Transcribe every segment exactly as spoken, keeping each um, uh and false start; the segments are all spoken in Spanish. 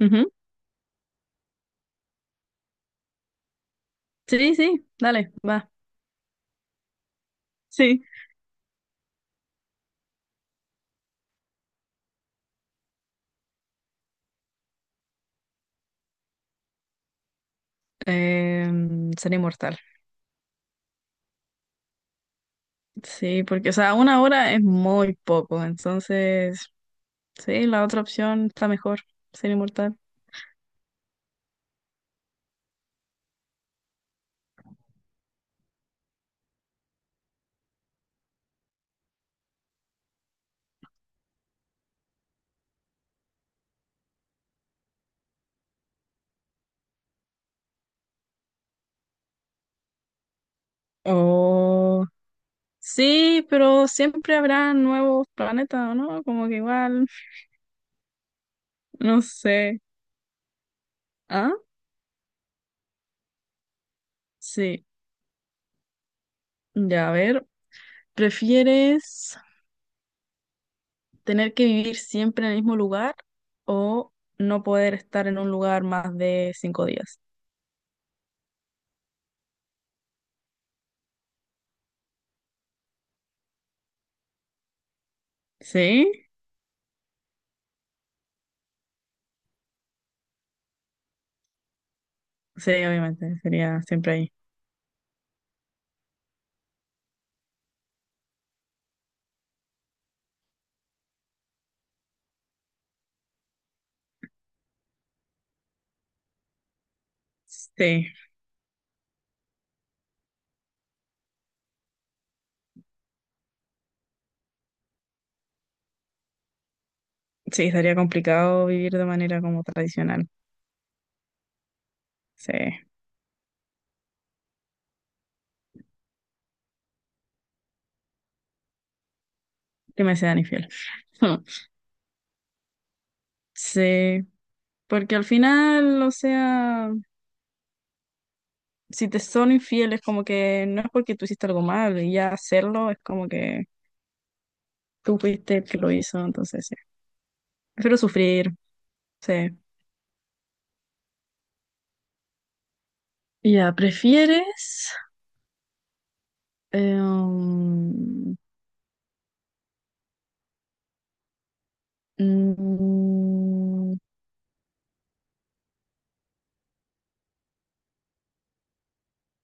Ujú. Sí, sí, dale, va. Sí. Em, sería inmortal. Sí, porque, o sea, una hora es muy poco, entonces, sí, la otra opción está mejor, ser inmortal. Oh, sí, pero siempre habrá nuevos planetas, ¿o ¿no? Como que igual, no sé. ¿Ah? Sí, ya, a ver, ¿prefieres tener que vivir siempre en el mismo lugar o no poder estar en un lugar más de cinco días? Sí. Sí, obviamente, sería siempre ahí. Sí, sí, estaría complicado vivir de manera como tradicional. Sí, que me sean infiel. Sí, porque al final, o sea, si te son infieles, como que no es porque tú hiciste algo mal, y ya hacerlo es como que tú fuiste el que lo hizo, entonces sí. Prefiero sufrir, sí. Ya, ¿prefieres? eh, um, mm,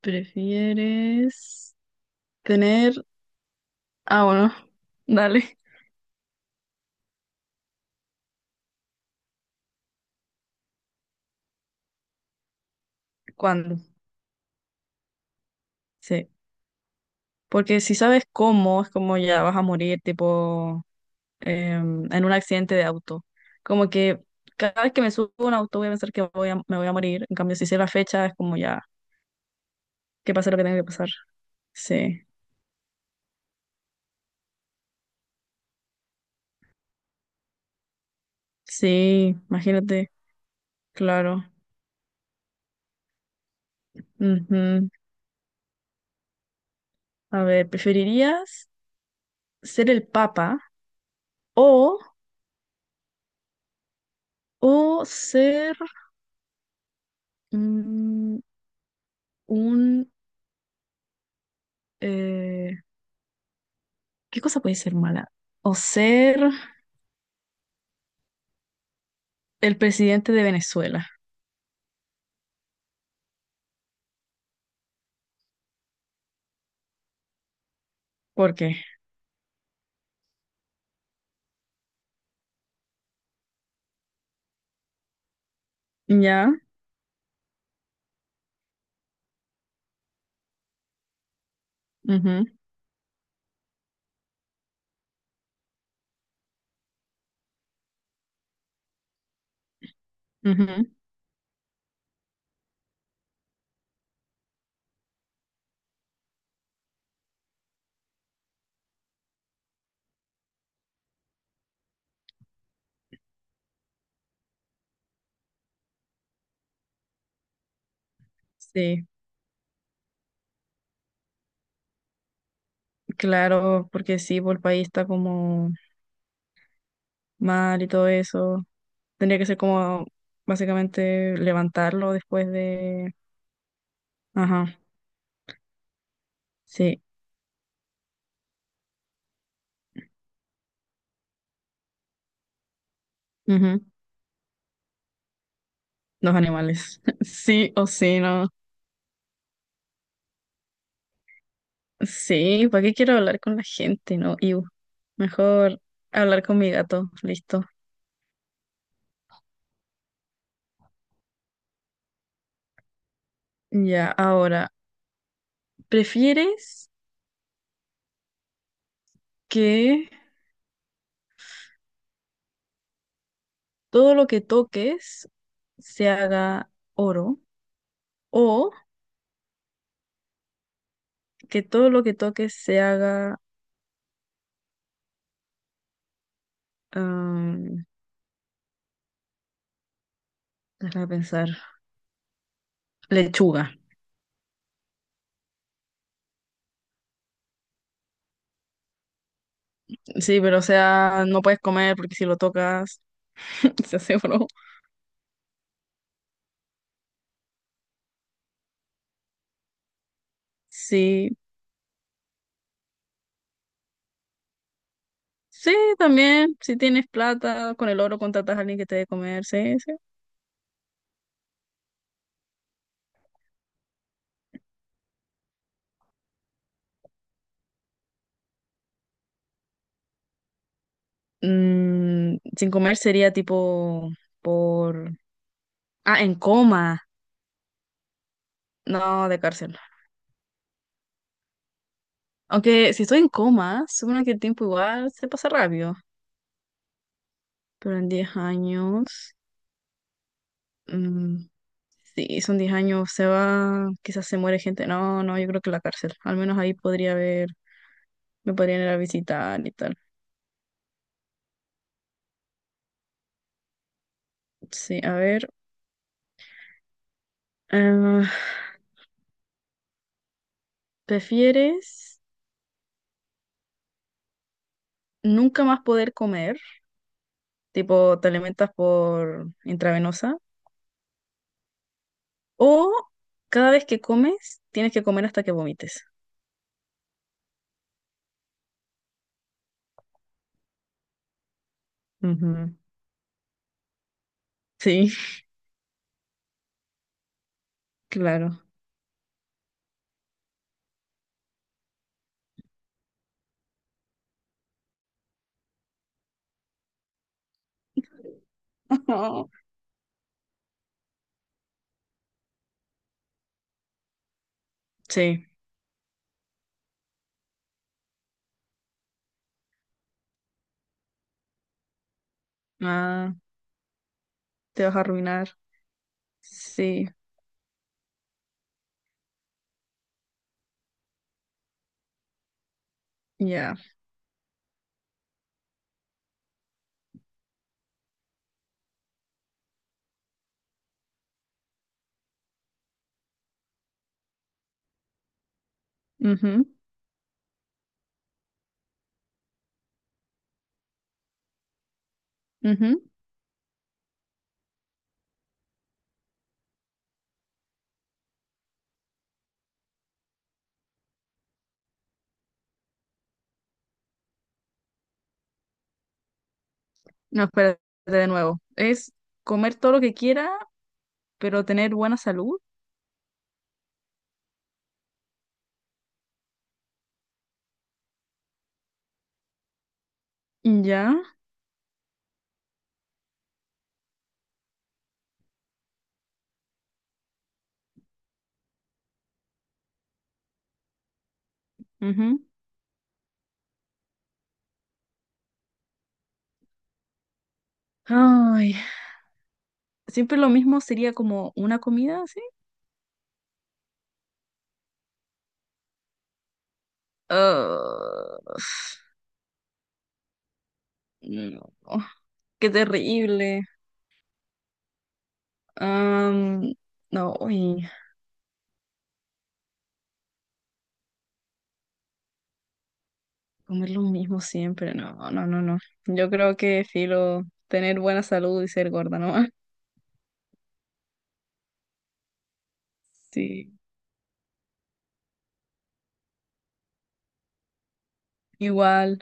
¿Prefieres tener? Ah, bueno, dale. ¿Cuándo? Sí. Porque si sabes cómo, es como ya vas a morir, tipo, em, en un accidente de auto. Como que cada vez que me subo a un auto voy a pensar que voy a- me voy a morir. En cambio, si sé la fecha, es como ya, que pase lo que tenga que pasar. Sí. Sí, imagínate. Claro. Ujú. A ver, ¿preferirías ser el papa o, o ser mm, un... eh, ¿qué cosa puede ser mala? O ser el presidente de Venezuela. ¿Por qué? Ya. Ujú, ujú. Sí, claro, porque sí, por el país está como mal y todo eso. Tendría que ser como básicamente levantarlo después de... Ajá, sí. Ujú. Los animales. Sí o sí, no. Sí, ¿para qué quiero hablar con la gente, no? Iu. Mejor hablar con mi gato. Listo. Ya, ahora, ¿prefieres que todo lo que toques se haga oro o que todo lo que toques se haga, am, déjame pensar, lechuga. Sí, pero o sea, no puedes comer porque si lo tocas se hace oro. Sí, sí, también, si tienes plata, con el oro contratas a alguien que te dé comer, sí, sí. Mm, sin comer sería tipo por... Ah, en coma. No, de cárcel. Aunque si estoy en coma, supongo que el tiempo igual se pasa rápido. Pero en diez años, mm, sí, son diez años, se va, quizás se muere gente. No, no, yo creo que la cárcel. Al menos ahí podría haber, me podrían ir a visitar y tal. Sí, a ver. eh, ¿prefieres nunca más poder comer? Tipo, te alimentas por intravenosa. O cada vez que comes, tienes que comer hasta que vomites. Ujú. Sí, claro. Sí. Ah, te vas a arruinar. Sí, ya. Ujú, ujú. No, espérate de nuevo. Es comer todo lo que quiera, pero tener buena salud. Ya. Ujú. Ay, siempre lo mismo sería como una comida, ¿sí? Ah, no, qué terrible. Am, no, uy, comer lo mismo siempre. No, no, no, no. Yo creo que filo tener buena salud y ser gorda, ¿no? Sí, igual.